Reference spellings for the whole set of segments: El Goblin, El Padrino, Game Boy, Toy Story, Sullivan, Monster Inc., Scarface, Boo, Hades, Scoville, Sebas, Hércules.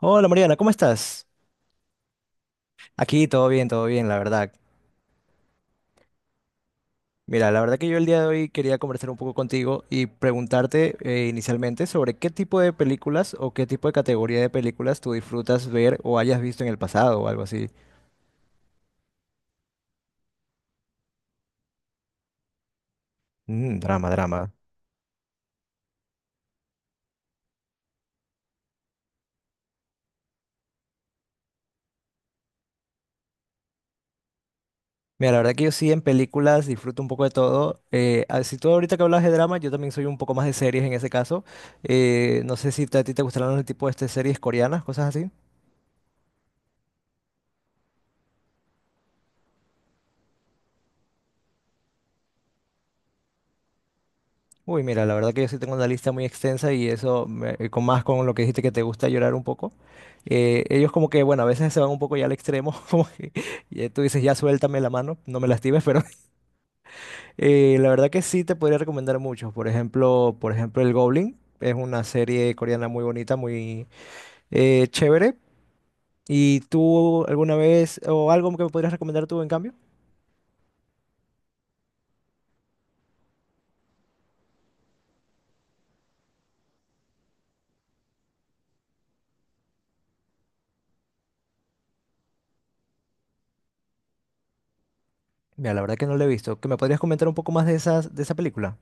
Hola Mariana, ¿cómo estás? Aquí todo bien, la verdad. Mira, la verdad que yo el día de hoy quería conversar un poco contigo y preguntarte inicialmente sobre qué tipo de películas o qué tipo de categoría de películas tú disfrutas ver o hayas visto en el pasado o algo así. Mm, drama, drama. Mira, la verdad que yo sí en películas disfruto un poco de todo. Si tú ahorita que hablas de drama, yo también soy un poco más de series en ese caso. No sé si te- a ti te gustarán los tipos de este, series coreanas, cosas así. Uy, mira, la verdad que yo sí tengo una lista muy extensa y eso, con más con lo que dijiste que te gusta llorar un poco. Ellos como que, bueno, a veces se van un poco ya al extremo, como que tú dices, ya suéltame la mano, no me lastimes, pero la verdad que sí te podría recomendar muchos. Por ejemplo, El Goblin es una serie coreana muy bonita, muy chévere. ¿Y tú alguna vez o algo que me podrías recomendar tú en cambio? Mira, la verdad que no lo he visto. ¿Que me podrías comentar un poco más de de esa película?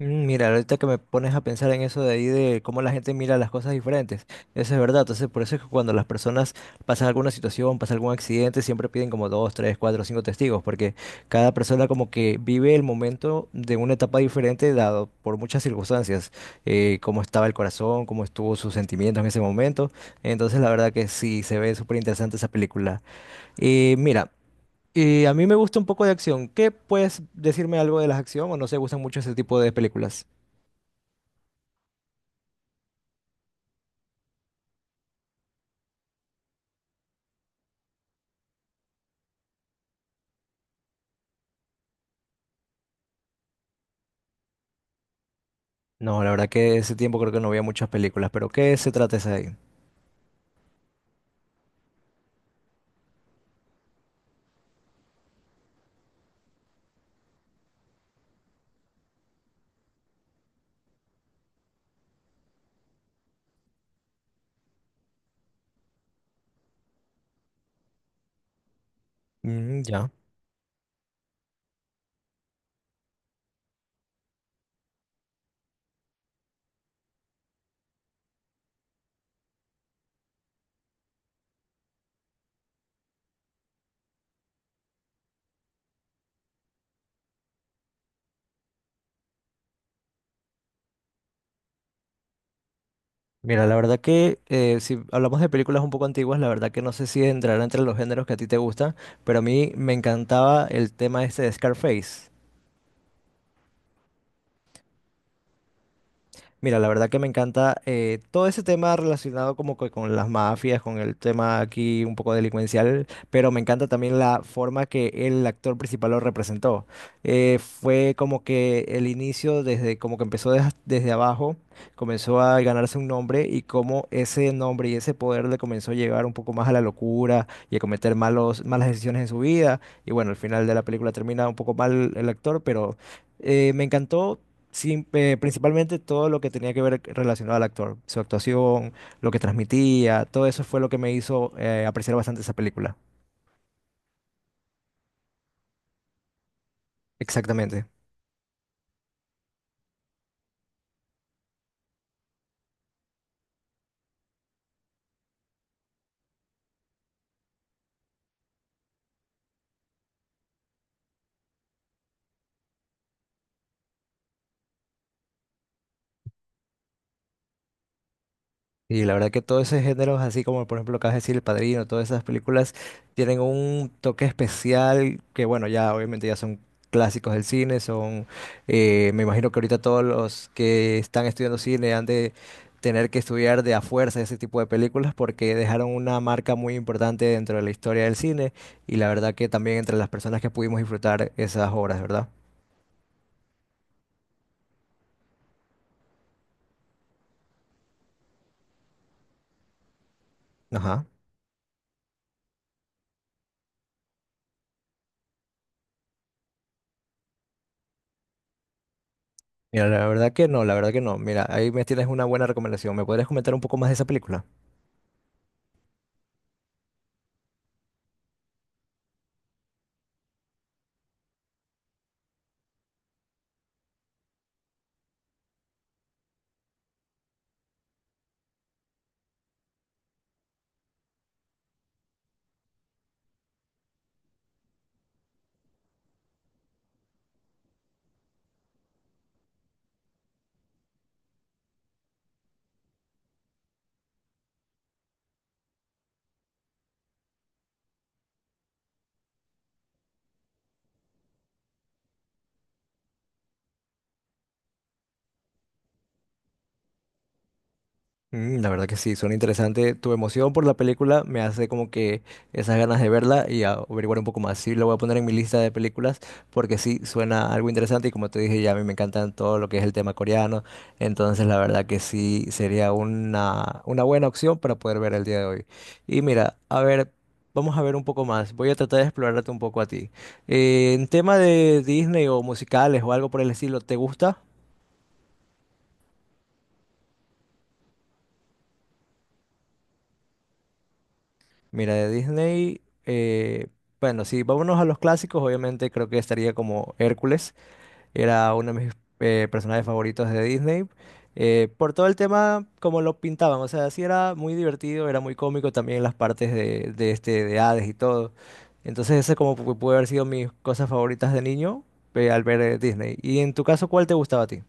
Mm, mira, ahorita que me pones a pensar en eso de ahí de cómo la gente mira las cosas diferentes, eso es verdad. Entonces, por eso es que cuando las personas pasan alguna situación, pasan algún accidente, siempre piden como dos, tres, cuatro, cinco testigos, porque cada persona como que vive el momento de una etapa diferente dado por muchas circunstancias, cómo estaba el corazón, cómo estuvo sus sentimientos en ese momento. Entonces, la verdad que sí, se ve súper interesante esa película. Mira. Y a mí me gusta un poco de acción. ¿Qué puedes decirme algo de las acción o no se gustan mucho ese tipo de películas? No, la verdad que ese tiempo creo que no veía muchas películas, pero ¿qué se trata esa de ahí? Mm, ya. Mira, la verdad que si hablamos de películas un poco antiguas, la verdad que no sé si entrará entre los géneros que a ti te gustan, pero a mí me encantaba el tema este de Scarface. Mira, la verdad que me encanta todo ese tema relacionado como que con las mafias, con el tema aquí un poco delincuencial, pero me encanta también la forma que el actor principal lo representó. Fue como que el inicio desde como que empezó desde abajo, comenzó a ganarse un nombre y cómo ese nombre y ese poder le comenzó a llevar un poco más a la locura y a cometer malas decisiones en su vida. Y bueno, al final de la película termina un poco mal el actor, pero me encantó. Sí, principalmente todo lo que tenía que ver relacionado al actor, su actuación, lo que transmitía, todo eso fue lo que me hizo apreciar bastante esa película. Exactamente. Y la verdad que todos esos géneros, así como por ejemplo acabas de decir, El Padrino, todas esas películas tienen un toque especial que bueno, ya obviamente ya son clásicos del cine, son, me imagino que ahorita todos los que están estudiando cine han de tener que estudiar de a fuerza ese tipo de películas porque dejaron una marca muy importante dentro de la historia del cine y la verdad que también entre las personas que pudimos disfrutar esas obras, ¿verdad? Ajá. Mira, la verdad que no, la verdad que no. Mira, ahí me tienes una buena recomendación. ¿Me podrías comentar un poco más de esa película? Mm, la verdad que sí, suena interesante. Tu emoción por la película me hace como que esas ganas de verla y averiguar un poco más. Sí, lo voy a poner en mi lista de películas porque sí, suena algo interesante y como te dije, ya a mí me encantan todo lo que es el tema coreano. Entonces, la verdad que sí, sería una buena opción para poder ver el día de hoy. Y mira, a ver, vamos a ver un poco más. Voy a tratar de explorarte un poco a ti. En tema de Disney o musicales o algo por el estilo, ¿te gusta? Mira, de Disney, bueno, sí, vámonos a los clásicos, obviamente creo que estaría como Hércules, era uno de mis personajes favoritos de Disney, por todo el tema como lo pintaban, o sea, sí era muy divertido, era muy cómico también las partes de este, de Hades y todo, entonces ese como puede haber sido mis cosas favoritas de niño al ver Disney. ¿Y en tu caso, cuál te gustaba a ti?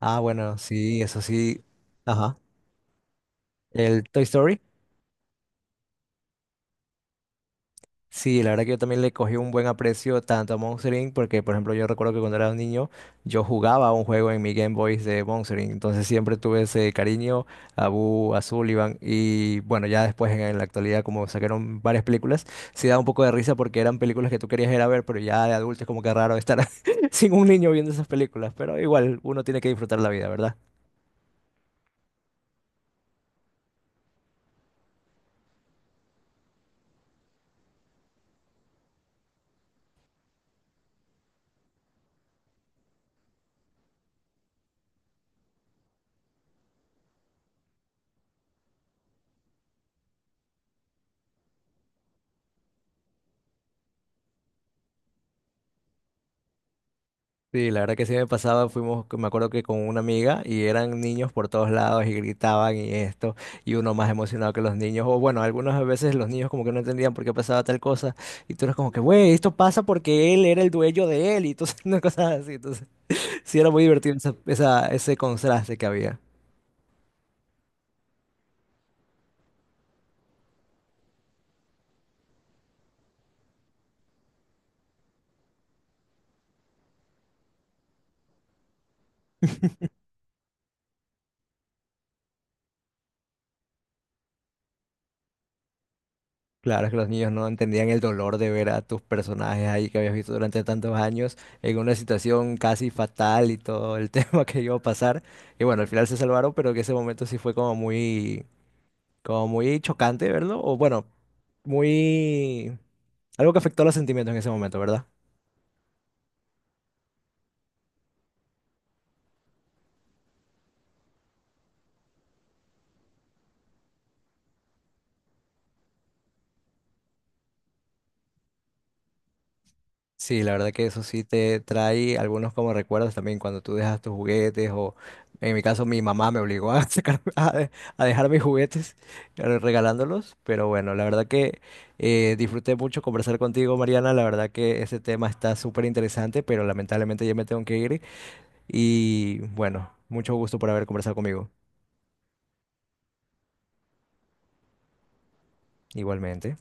Ah, bueno, sí, eso sí, ajá, el Toy Story. Sí, la verdad que yo también le cogí un buen aprecio tanto a Monster Inc. porque, por ejemplo, yo recuerdo que cuando era un niño yo jugaba un juego en mi Game Boy de Monster Inc. Entonces siempre tuve ese cariño a Boo, a Sullivan y bueno, ya después en la actualidad como sacaron varias películas, sí da un poco de risa porque eran películas que tú querías ir a ver, pero ya de adulto es como que raro estar sin un niño viendo esas películas, pero igual uno tiene que disfrutar la vida, ¿verdad? Sí, la verdad que sí me pasaba, fuimos, me acuerdo que con una amiga y eran niños por todos lados y gritaban y esto, y uno más emocionado que los niños, o bueno, algunas veces los niños como que no entendían por qué pasaba tal cosa, y tú eras como que, güey, esto pasa porque él era el dueño de él, y entonces, una cosa así, entonces, sí era muy divertido ese contraste que había. Claro, es que los niños no entendían el dolor de ver a tus personajes ahí que habías visto durante tantos años en una situación casi fatal y todo el tema que iba a pasar. Y bueno, al final se salvaron, pero que ese momento sí fue como muy chocante verlo, o bueno, muy... algo que afectó los sentimientos en ese momento, ¿verdad? Sí, la verdad que eso sí te trae algunos como recuerdos también cuando tú dejas tus juguetes o en mi caso mi mamá me obligó a a dejar mis juguetes regalándolos, pero bueno, la verdad que disfruté mucho conversar contigo, Mariana, la verdad que ese tema está súper interesante, pero lamentablemente ya me tengo que ir y bueno, mucho gusto por haber conversado conmigo, igualmente.